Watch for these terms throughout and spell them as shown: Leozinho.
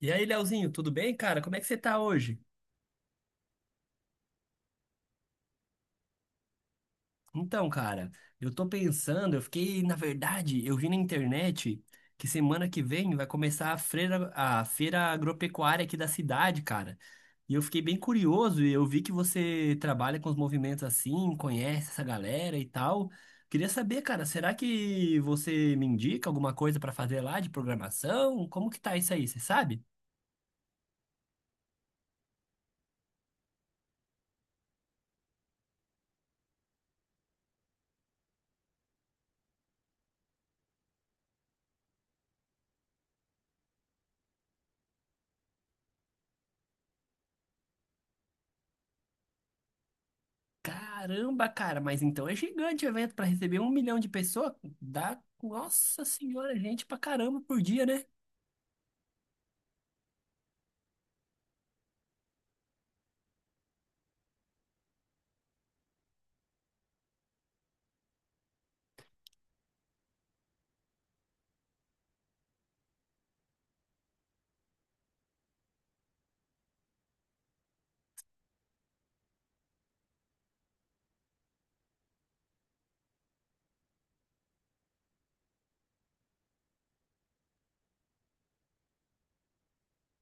E aí, Leozinho, tudo bem, cara? Como é que você tá hoje? Então, cara, eu tô pensando, eu fiquei, na verdade, eu vi na internet que semana que vem vai começar a feira agropecuária aqui da cidade, cara. E eu fiquei bem curioso e eu vi que você trabalha com os movimentos assim, conhece essa galera e tal. Queria saber, cara, será que você me indica alguma coisa pra fazer lá de programação? Como que tá isso aí, você sabe? Caramba, cara, mas então é gigante o evento para receber um milhão de pessoas. Dá, nossa senhora, gente pra caramba por dia, né?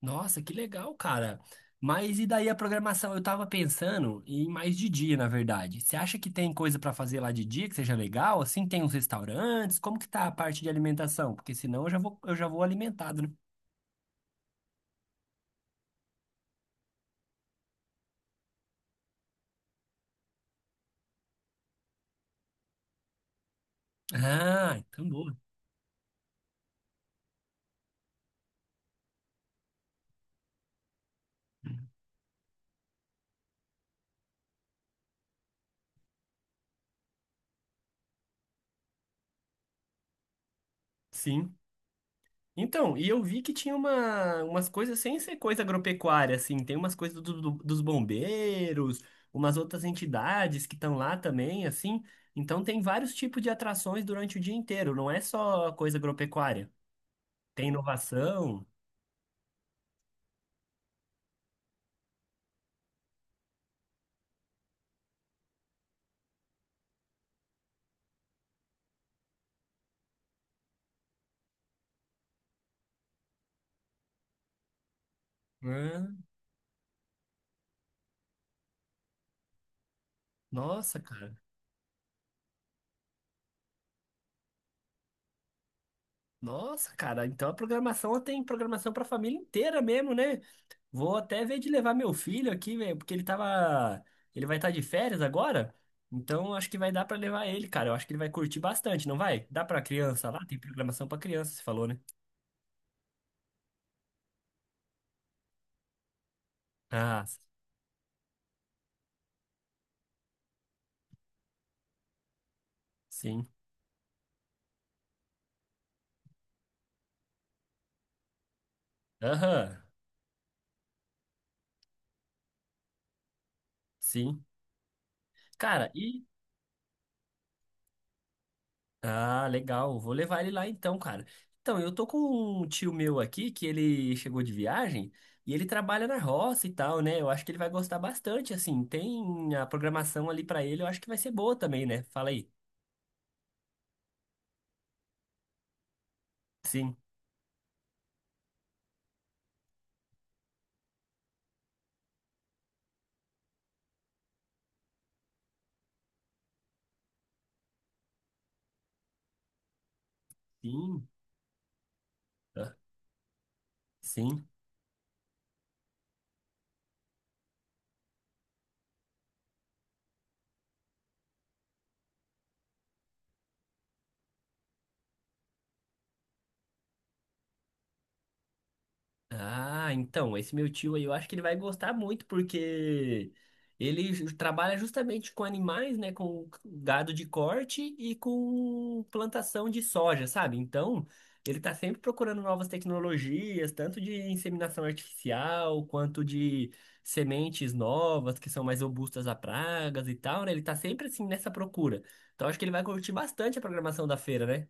Nossa, que legal, cara. Mas e daí a programação? Eu tava pensando em mais de dia, na verdade. Você acha que tem coisa pra fazer lá de dia que seja legal? Assim, tem uns restaurantes? Como que tá a parte de alimentação? Porque senão eu já vou alimentado, né? Ah, então boa. Sim. Então, e eu vi que tinha umas coisas sem ser coisa agropecuária, assim, tem umas coisas dos bombeiros, umas outras entidades que estão lá também, assim. Então tem vários tipos de atrações durante o dia inteiro, não é só coisa agropecuária. Tem inovação. Né? Nossa, cara. Nossa, cara, então a programação ela tem programação para família inteira mesmo, né? Vou até ver de levar meu filho aqui, velho, ele vai estar de férias agora. Então acho que vai dar para levar ele, cara. Eu acho que ele vai curtir bastante, não vai? Dá para criança lá, tem programação para criança, você falou, né? Ah, sim. Aham. Sim. Cara, e Ah, legal. Vou levar ele lá então, cara. Então, eu tô com um tio meu aqui que ele chegou de viagem e ele trabalha na roça e tal, né? Eu acho que ele vai gostar bastante, assim. Tem a programação ali pra ele, eu acho que vai ser boa também, né? Fala aí. Sim, sim, ah, sim. Ah, então, esse meu tio aí, eu acho que ele vai gostar muito, porque trabalha justamente com animais, né? Com gado de corte e com plantação de soja, sabe? Então, ele tá sempre procurando novas tecnologias, tanto de inseminação artificial, quanto de sementes novas, que são mais robustas a pragas e tal, né? Ele tá sempre, assim, nessa procura. Então, acho que ele vai curtir bastante a programação da feira, né?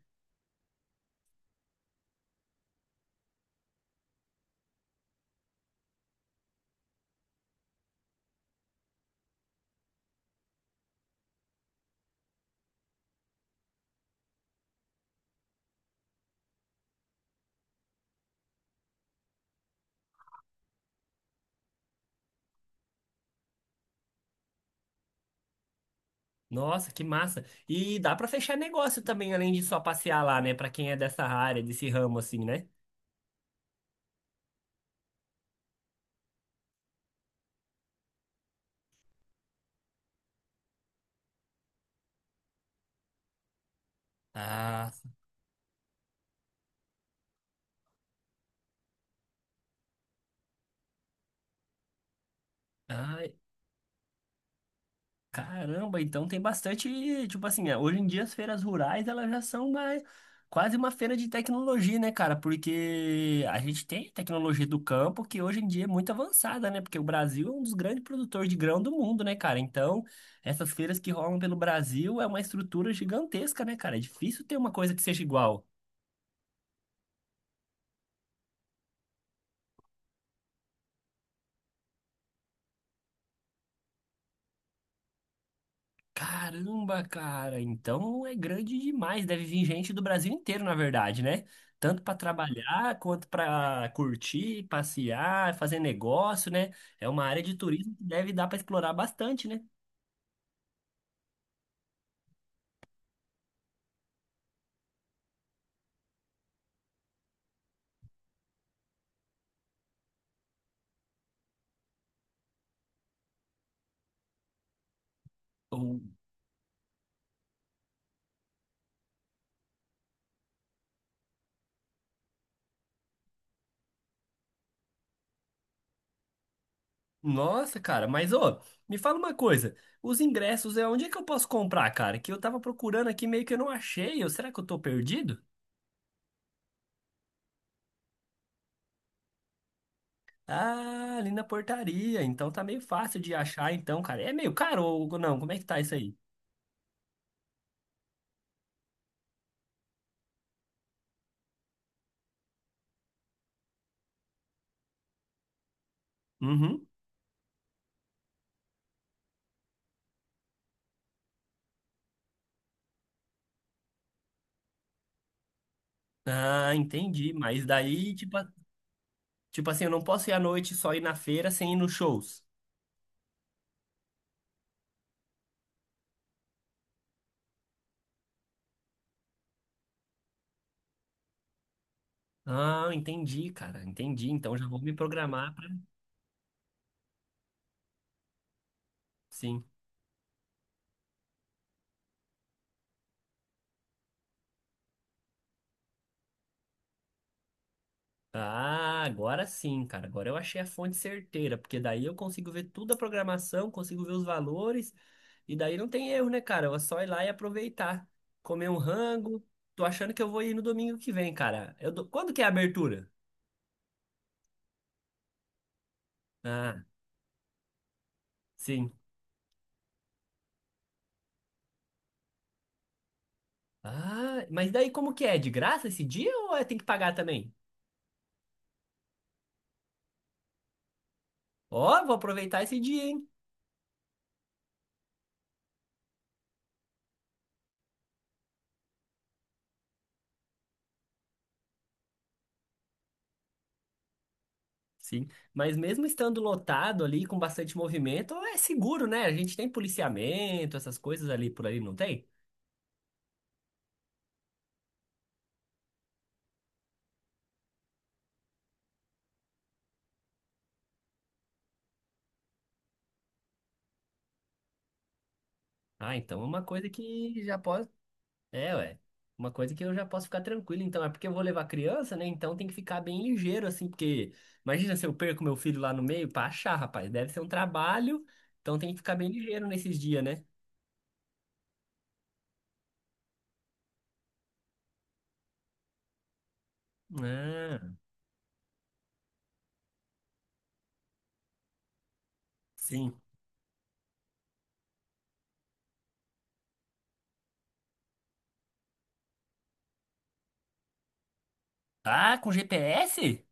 Nossa, que massa. E dá pra fechar negócio também, além de só passear lá, né? Pra quem é dessa área, desse ramo, assim, né? Ah, ai, caramba, então tem bastante, tipo assim, hoje em dia as feiras rurais, elas já são mais, quase uma feira de tecnologia, né, cara? Porque a gente tem tecnologia do campo, que hoje em dia é muito avançada, né? Porque o Brasil é um dos grandes produtores de grão do mundo, né, cara? Então, essas feiras que rolam pelo Brasil é uma estrutura gigantesca, né, cara? É difícil ter uma coisa que seja igual. Caramba, cara, então é grande demais. Deve vir gente do Brasil inteiro, na verdade, né? Tanto para trabalhar quanto para curtir, passear, fazer negócio, né? É uma área de turismo que deve dar para explorar bastante, né? Ô, nossa, cara, mas ô, me fala uma coisa. Os ingressos, é onde é que eu posso comprar, cara? Que eu tava procurando aqui, meio que eu não achei. Ou será que eu tô perdido? Ah, ali na portaria. Então tá meio fácil de achar, então, cara. É meio caro ou não? Como é que tá isso aí? Uhum. Ah, entendi. Mas daí, tipo, tipo assim, eu não posso ir à noite só ir na feira sem ir nos shows. Ah, entendi, cara. Entendi. Então já vou me programar pra... Sim. Ah, agora sim, cara. Agora eu achei a fonte certeira, porque daí eu consigo ver toda a programação, consigo ver os valores, e daí não tem erro, né, cara? É só ir lá e aproveitar. Comer um rango. Tô achando que eu vou ir no domingo que vem, cara. Quando que é a abertura? Ah, sim. Ah, mas daí como que é? De graça esse dia ou tem que pagar também? Ó, vou aproveitar esse dia, hein? Sim, mas mesmo estando lotado ali, com bastante movimento, é seguro, né? A gente tem policiamento, essas coisas ali por ali, não tem? Ah, então é uma coisa que já posso. É, ué. Uma coisa que eu já posso ficar tranquilo, então. É porque eu vou levar criança, né? Então tem que ficar bem ligeiro, assim, porque imagina se eu perco meu filho lá no meio pra achar, rapaz. Deve ser um trabalho, então tem que ficar bem ligeiro nesses dias, né? Ah, sim. Ah, com GPS?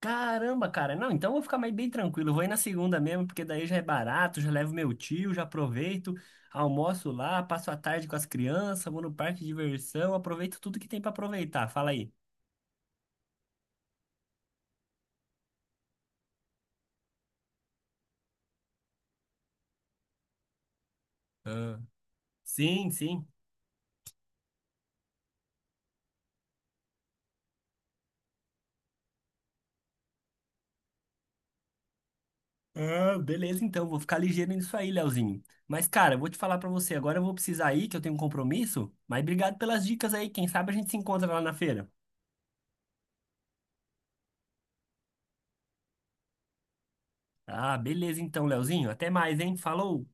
Caramba, cara. Não, então eu vou ficar mais bem tranquilo. Eu vou ir na segunda mesmo, porque daí já é barato, já levo meu tio, já aproveito, almoço lá, passo a tarde com as crianças, vou no parque de diversão, aproveito tudo que tem pra aproveitar. Fala aí. Ah, sim, sim. Ah, beleza, então, vou ficar ligeiro nisso aí, Leozinho. Mas, cara, eu vou te falar pra você, agora eu vou precisar ir, que eu tenho um compromisso, mas obrigado pelas dicas aí, quem sabe a gente se encontra lá na feira. Ah, beleza então, Leozinho, até mais, hein? Falou!